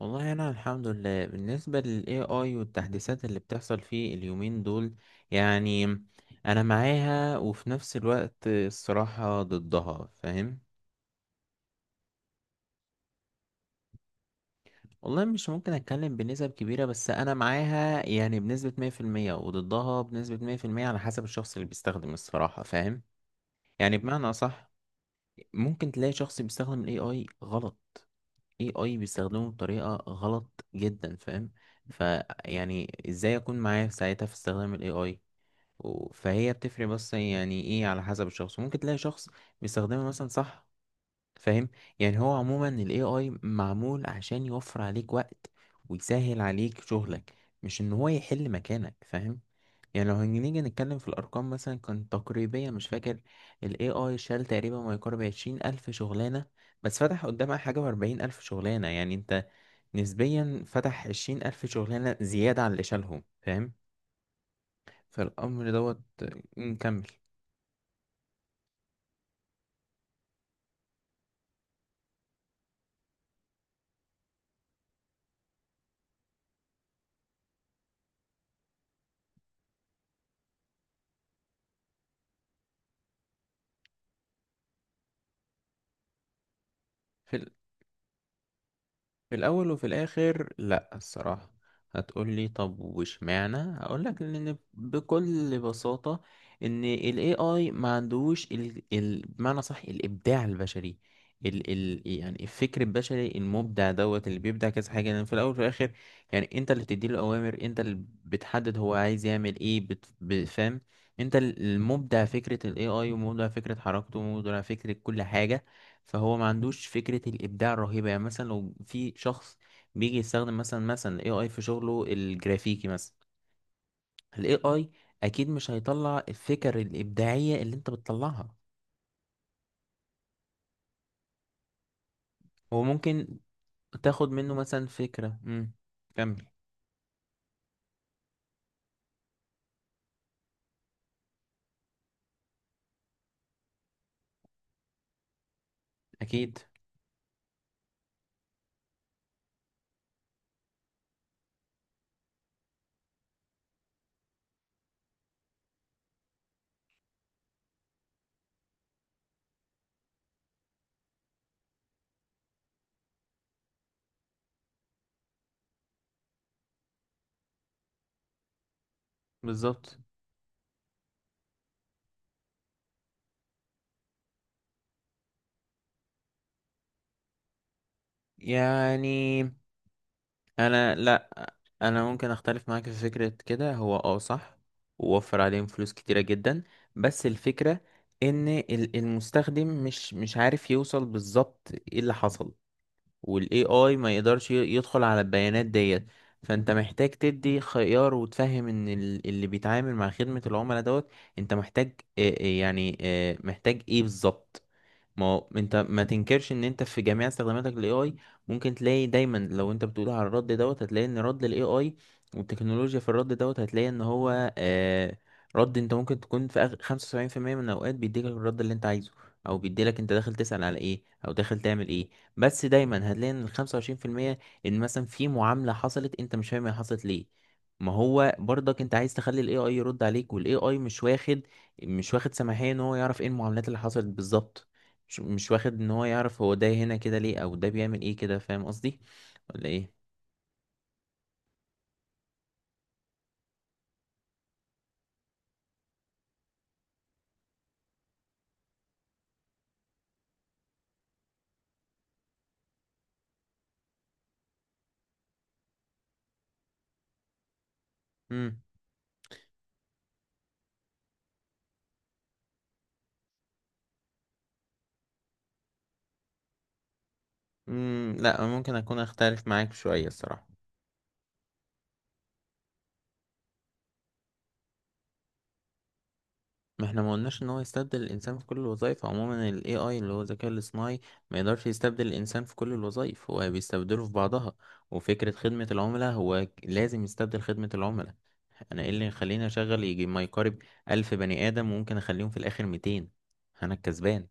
والله انا الحمد لله. بالنسبه لل AI والتحديثات اللي بتحصل فيه اليومين دول، يعني انا معاها وفي نفس الوقت الصراحه ضدها، فاهم؟ والله مش ممكن اتكلم بنسب كبيره، بس انا معاها يعني بنسبه 100% وضدها بنسبه 100% على حسب الشخص اللي بيستخدم، الصراحه فاهم. يعني بمعنى اصح، ممكن تلاقي شخص بيستخدم ال AI غلط، AI بيستخدمه بطريقه غلط جدا، فاهم. فيعني ازاي اكون معاه في ساعتها في استخدام ال AI، فهي بتفرق، بس يعني ايه على حسب الشخص، ممكن تلاقي شخص بيستخدمها مثلا صح، فاهم. يعني هو عموما ال AI معمول عشان يوفر عليك وقت ويسهل عليك شغلك، مش ان هو يحل مكانك، فاهم. يعني لو هنيجي نتكلم في الارقام مثلا كان تقريبيا مش فاكر، ال AI شال تقريبا ما يقارب 20,000 شغلانة، بس فتح قدامها حاجة و40,000 شغلانة، يعني انت نسبيا فتح 20,000 شغلانة زيادة عن اللي شالهم، فاهم. فالامر دوت، نكمل. في في الأول وفي الآخر، لأ الصراحة. هتقولي طب واشمعنى؟ هقولك إن بكل بساطة إن ال AI ما عندوش ال بمعنى صح الإبداع البشري. ال يعني الفكر البشري المبدع دوت اللي بيبدع كذا حاجة، لأن في الأول وفي الآخر يعني أنت اللي بتديله الأوامر، أنت اللي بتحدد هو عايز يعمل إيه، بفهم. أنت المبدع فكرة ال AI، ومبدع فكرة حركته، ومبدع فكرة كل حاجة. فهو ما عندوش فكرة الإبداع الرهيبة، يعني مثلا لو في شخص بيجي يستخدم مثلا ال AI في شغله الجرافيكي، مثلا ال AI أكيد مش هيطلع الفكر الإبداعية اللي أنت بتطلعها. هو ممكن تاخد منه مثلا فكرة. كمل. أكيد بالظبط. يعني انا لا، انا ممكن اختلف معاك في فكرة كده. هو صح، ووفر عليهم فلوس كتيرة جدا. بس الفكرة ان المستخدم مش عارف يوصل بالظبط ايه اللي حصل، والاي اي ما يقدرش يدخل على البيانات ديت. فانت محتاج تدي خيار وتفهم ان اللي بيتعامل مع خدمة العملاء دوت، انت محتاج يعني محتاج ايه بالظبط. ما هو انت ما تنكرش ان انت في جميع استخداماتك للاي اي، ممكن تلاقي دايما لو انت بتقول على الرد دوت هتلاقي ان رد الاي اي والتكنولوجيا في الرد دوت هتلاقي ان هو رد، انت ممكن تكون في آخر 75% من الاوقات بيديلك الرد اللي انت عايزه، او بيديلك انت داخل تسأل على ايه او داخل تعمل ايه. بس دايما هتلاقي ان ال25%، ان مثلا في معاملة حصلت انت مش فاهم هي حصلت ليه. ما هو برضك انت عايز تخلي الاي اي يرد عليك، والاي اي مش واخد سماحية ان هو يعرف ايه المعاملات اللي حصلت بالظبط، مش واخد ان هو يعرف هو ده هنا كده ليه، او ده بيعمل ايه كده، فاهم قصدي ولا ايه؟ امم لا، ممكن اكون اختلف معاك شوية الصراحة. ما احنا ما قلناش ان هو يستبدل الانسان في كل الوظائف. عموما ال AI اللي هو الذكاء الاصطناعي ما يقدرش يستبدل الانسان في كل الوظائف، هو بيستبدله في بعضها. وفكرة خدمة العملاء هو لازم يستبدل خدمة العملاء. انا ايه اللي يخليني اشغل يجي ما يقارب 1,000 بني ادم وممكن اخليهم في الاخر 200؟ انا الكسبان،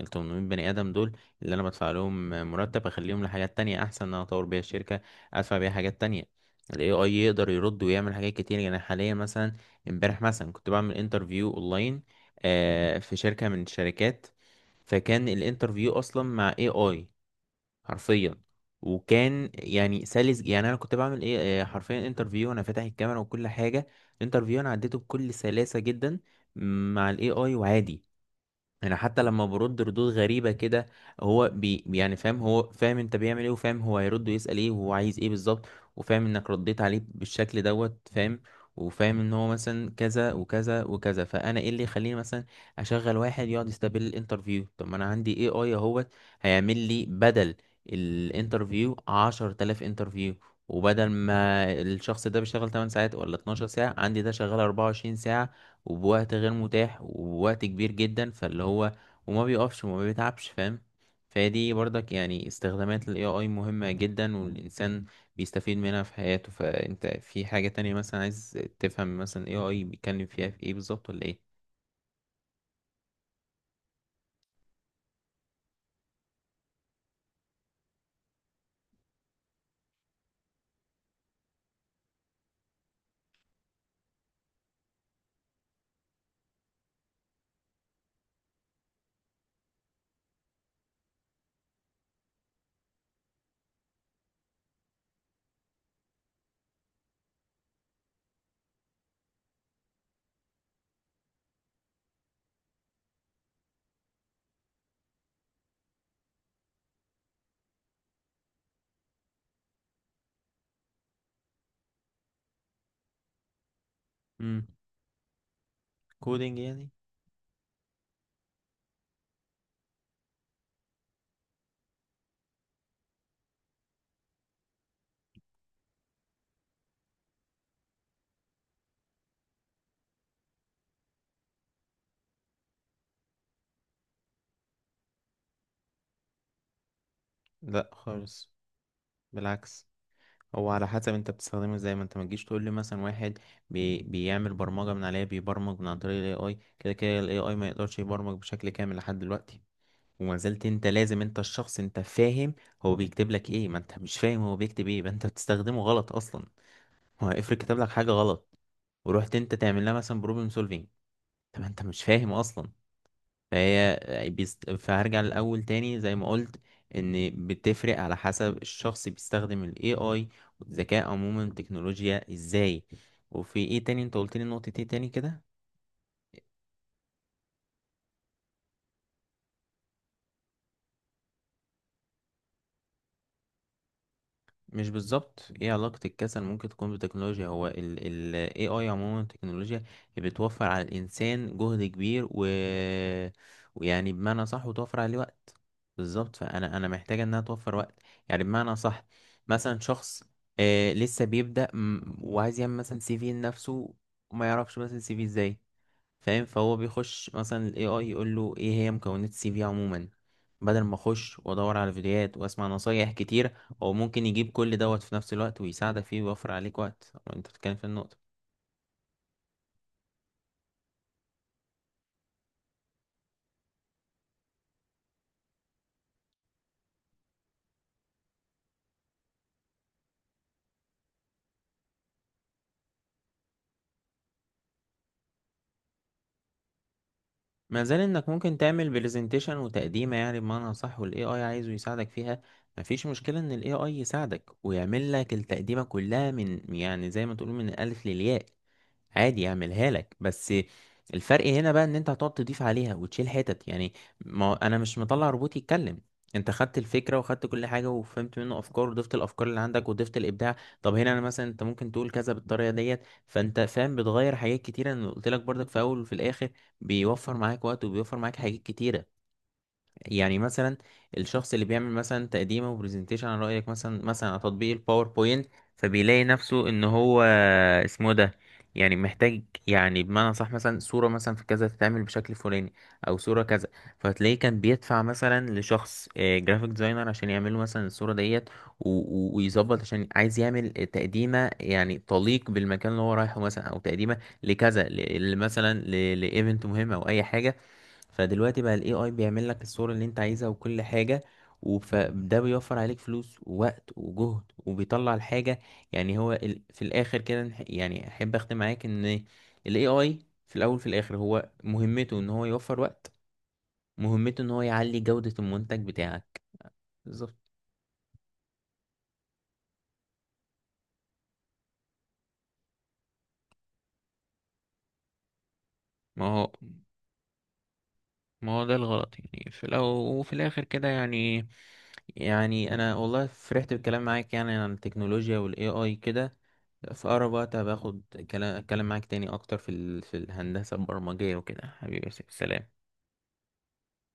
ال 800 بني ادم دول اللي انا بدفع لهم مرتب اخليهم لحاجات تانية احسن، ان انا اطور بيها الشركه، ادفع بيها حاجات تانية. الاي اي يقدر يرد ويعمل حاجات كتير، يعني حاليا مثلا امبارح مثلا كنت بعمل انترفيو اونلاين في شركه من الشركات، فكان الانترفيو اصلا مع اي اي، حرفيا. وكان يعني سلس، يعني انا كنت بعمل ايه، حرفيا انترفيو، انا فاتح الكاميرا وكل حاجه. الانترفيو انا عديته بكل سلاسه جدا مع الاي اي، وعادي. انا حتى لما برد ردود غريبه كده، هو يعني فاهم، هو فاهم انت بيعمل ايه، وفاهم هو هيرد ويسال ايه، وهو عايز ايه بالظبط، وفاهم انك رديت عليه بالشكل دوت، فاهم. وفاهم ان هو مثلا كذا وكذا وكذا، فانا ايه اللي يخليني مثلا اشغل واحد يقعد يستقبل الانترفيو؟ طب ما انا عندي اي اي اهوت هيعمل لي بدل الانترفيو 10,000 انترفيو. وبدل ما الشخص ده بيشتغل 8 ساعات ولا 12 ساعة، عندي ده شغال 24 ساعة، وبوقت غير متاح، وبوقت كبير جدا، فاللي هو وما بيقفش وما بيتعبش، فاهم. فدي برضك يعني استخدامات ال AI مهمة جدا، والإنسان بيستفيد منها في حياته. فأنت في حاجة تانية مثلا عايز تفهم مثلا AI بيتكلم فيها في ايه بالظبط، ولا ايه؟ امم كودينج يعني؟ لا خالص، بالعكس. هو على حسب انت بتستخدمه ازاي، ما انت ما تجيش تقول لي مثلا واحد بيعمل برمجة من عليها، بيبرمج من عن طريق ال AI، كده كده ال AI ما يقدرش يبرمج بشكل كامل لحد دلوقتي، وما زلت انت لازم، انت الشخص، انت فاهم هو بيكتب لك ايه. ما انت مش فاهم هو بيكتب ايه، يبقى انت بتستخدمه غلط اصلا. هو افرض كتب لك حاجه غلط، ورحت انت تعمل لها مثلا بروبلم سولفينج، طب انت مش فاهم اصلا. فهي فهرجع للاول تاني زي ما قلت، ان بتفرق على حسب الشخص بيستخدم الاي اي والذكاء عموما التكنولوجيا ازاي. وفي ايه تاني انت قلت لي؟ نقطة ايه تاني كده؟ مش بالظبط، ايه علاقة الكسل ممكن تكون بالتكنولوجيا؟ هو ال AI عموما التكنولوجيا بتوفر على الإنسان جهد كبير ويعني بمعنى صح وتوفر عليه وقت. بالظبط، فأنا محتاجة إنها توفر وقت، يعني بمعنى صح. مثلا شخص لسه بيبدأ وعايز يعمل مثلا سي في لنفسه، وما يعرفش مثلا سي في ازاي، فاهم. فهو بيخش مثلا ال AI يقول له ايه هي مكونات السي في عموما، بدل ما اخش وادور على فيديوهات واسمع نصايح كتير. هو ممكن يجيب كل دوت في نفس الوقت ويساعدك فيه ويوفر عليك وقت. انت بتتكلم في النقطة. ما زال انك ممكن تعمل برزنتيشن وتقديمه، يعني بمعنى صح، والاي اي عايزه يساعدك فيها. مفيش مشكله ان الاي اي يساعدك ويعمل لك التقديمه كلها، من يعني زي ما تقول من الالف للياء، عادي يعملها لك. بس الفرق هنا بقى ان انت هتقعد تضيف عليها وتشيل حتت، يعني ما انا مش مطلع روبوت يتكلم. انت خدت الفكره، وخدت كل حاجه، وفهمت منه افكار، وضفت الافكار اللي عندك، وضفت الابداع. طب هنا انا مثلا، انت ممكن تقول كذا بالطريقه ديت، فانت فاهم بتغير حاجات كتيره. انا قلت لك برضك، في اول وفي الاخر بيوفر معاك وقت وبيوفر معاك حاجات كتيرة. يعني مثلا الشخص اللي بيعمل مثلا تقديمه وبرزنتيشن عن رأيك، مثلا على تطبيق الباوربوينت، فبيلاقي نفسه ان هو اسمه إيه ده، يعني محتاج يعني بمعنى صح مثلا صورة مثلا في كذا تتعمل بشكل فلاني، او صورة كذا. فتلاقيه كان بيدفع مثلا لشخص جرافيك ديزاينر عشان يعمل له مثلا الصورة ديت، و- ويظبط عشان عايز يعمل تقديمة يعني تليق بالمكان اللي هو رايحه، مثلا او تقديمة لكذا مثلا لايفنت مهم، او اي حاجة. فدلوقتي بقى الاي اي بيعمل لك الصورة اللي انت عايزها وكل حاجة، وده بيوفر عليك فلوس ووقت وجهد وبيطلع الحاجة. يعني هو في الاخر كده يعني احب اختم معاك ان الاي اي في الاول في الاخر هو مهمته ان هو يوفر وقت، مهمته ان هو يعلي جودة المنتج بتاعك. بالظبط. ما هو ما هو ده الغلط، يعني في الأول وفي الآخر كده، يعني. يعني أنا والله فرحت بالكلام معاك، يعني عن التكنولوجيا وال AI كده. في أقرب وقت هباخد كلام أتكلم معاك تاني أكتر في في الهندسة البرمجية وكده. حبيبي يا يوسف، سلام.